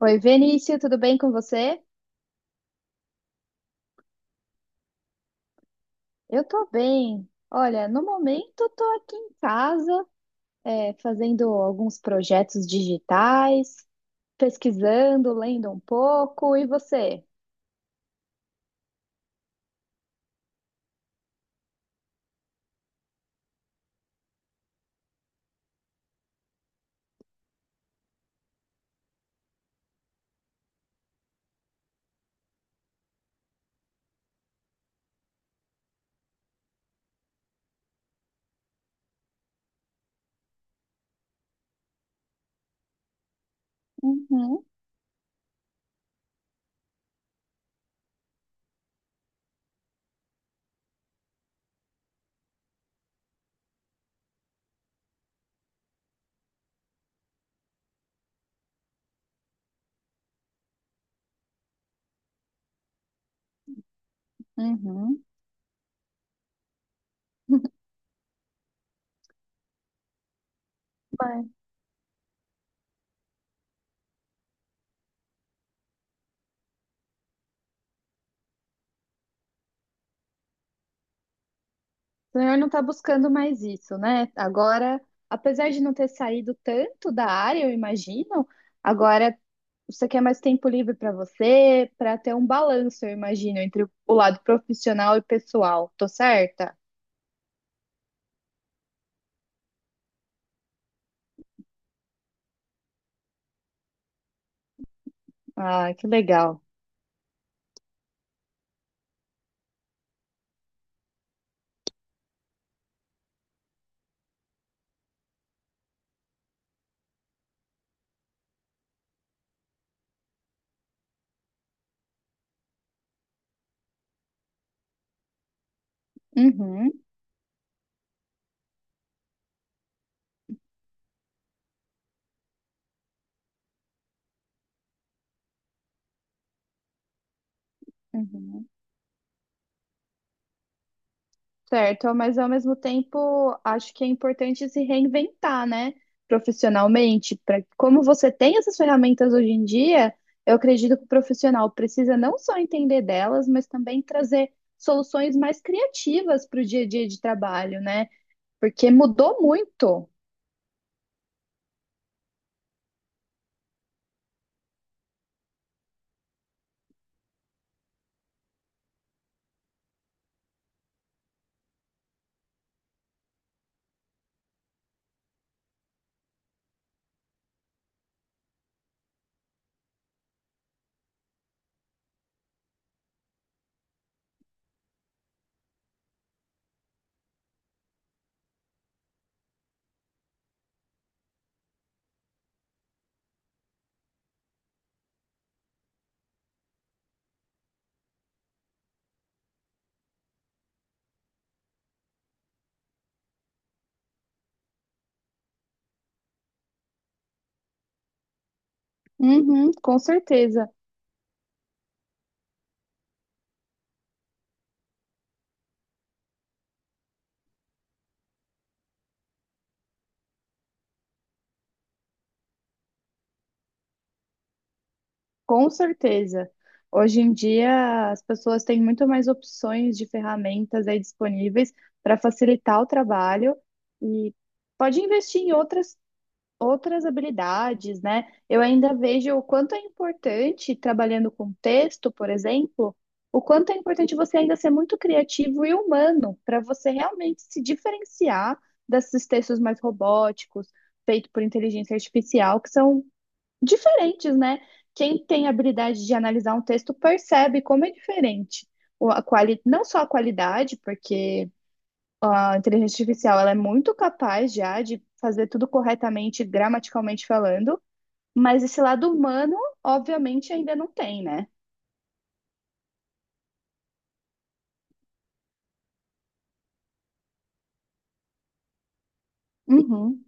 Oi, Vinícius, tudo bem com você? Eu tô bem. Olha, no momento eu tô aqui em casa, fazendo alguns projetos digitais, pesquisando, lendo um pouco. E você? Uhum, uhum. Mas o senhor não está buscando mais isso, né? Agora, apesar de não ter saído tanto da área, eu imagino, agora você quer mais tempo livre para você, para ter um balanço, eu imagino, entre o lado profissional e pessoal. Tô certa? Ah, que legal. Uhum, uhum. Certo, mas ao mesmo tempo acho que é importante se reinventar, né? Profissionalmente, para como você tem essas ferramentas hoje em dia, eu acredito que o profissional precisa não só entender delas, mas também trazer soluções mais criativas para o dia a dia de trabalho, né? Porque mudou muito. Uhum, com certeza. Com certeza. Hoje em dia, as pessoas têm muito mais opções de ferramentas aí disponíveis para facilitar o trabalho e pode investir em outras, outras habilidades, né? Eu ainda vejo o quanto é importante, trabalhando com texto, por exemplo, o quanto é importante você ainda ser muito criativo e humano para você realmente se diferenciar desses textos mais robóticos, feitos por inteligência artificial, que são diferentes, né? Quem tem a habilidade de analisar um texto percebe como é diferente. A quali... Não só a qualidade, porque a inteligência artificial ela é muito capaz já de fazer tudo corretamente, gramaticalmente falando, mas esse lado humano, obviamente, ainda não tem, né? Uhum.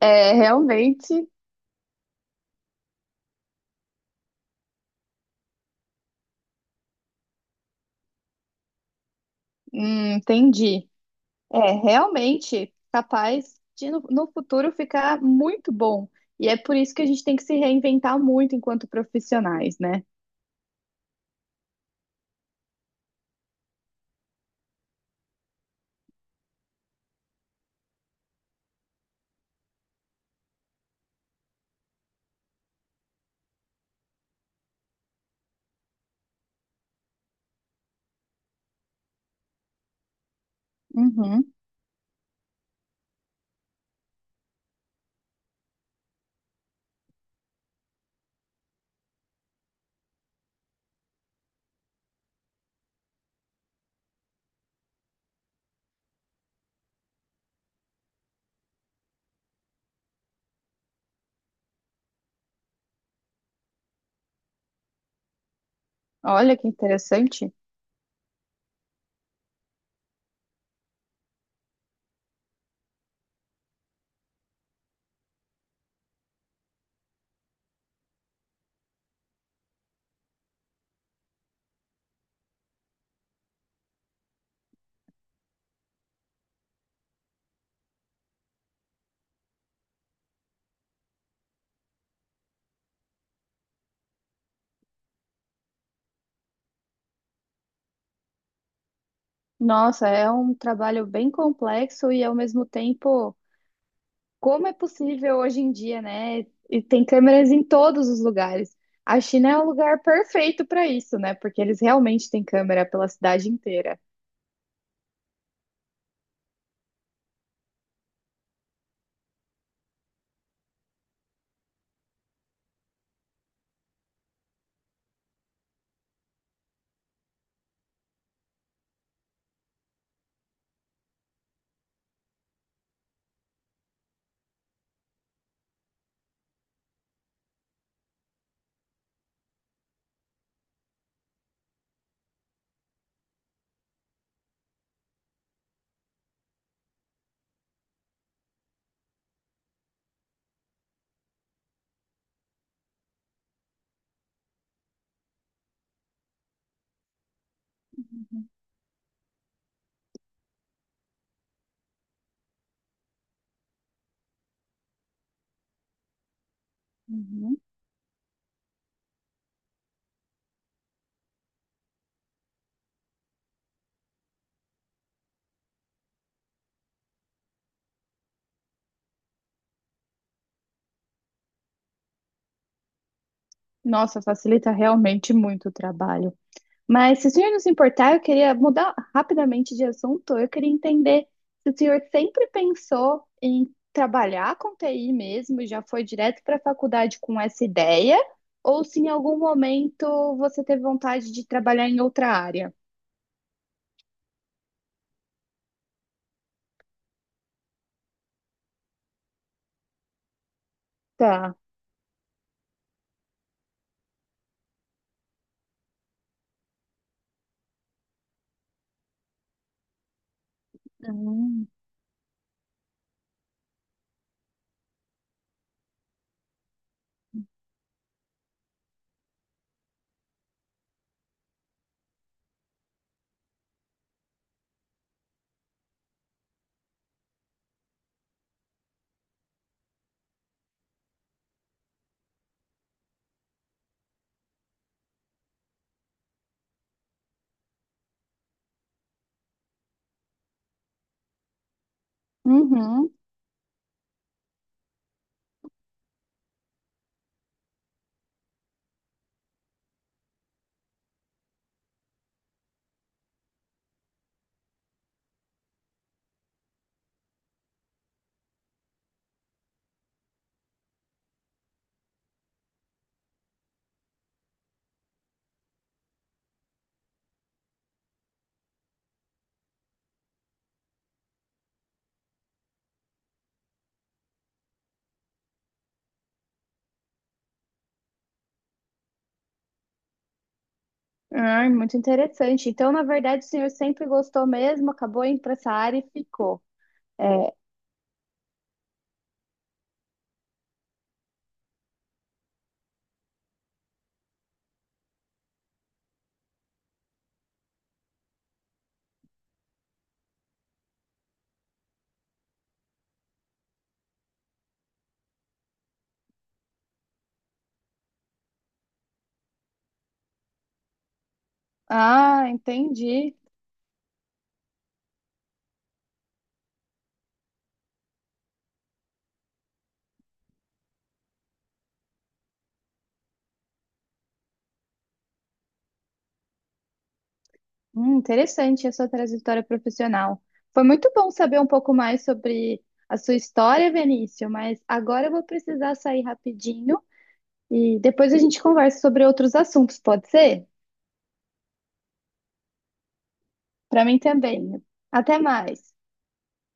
É, realmente, entendi. É realmente capaz de no futuro ficar muito bom. E é por isso que a gente tem que se reinventar muito enquanto profissionais, né? Uhum. Olha que interessante. Nossa, é um trabalho bem complexo e ao mesmo tempo, como é possível hoje em dia, né? E tem câmeras em todos os lugares. A China é um lugar perfeito para isso, né? Porque eles realmente têm câmera pela cidade inteira. Uhum. Nossa, facilita realmente muito o trabalho. Mas se o senhor não se importar, eu queria mudar rapidamente de assunto. Eu queria entender se o senhor sempre pensou em trabalhar com TI mesmo, e já foi direto para a faculdade com essa ideia, ou se em algum momento você teve vontade de trabalhar em outra área. Tá. Hum. Uhum. Ah, muito interessante. Então, na verdade, o senhor sempre gostou mesmo, acabou indo para essa área e ficou. É. Ah, entendi. Interessante a sua trajetória profissional. Foi muito bom saber um pouco mais sobre a sua história, Vinícius, mas agora eu vou precisar sair rapidinho e depois a gente conversa sobre outros assuntos, pode ser? Para mim também. Até mais.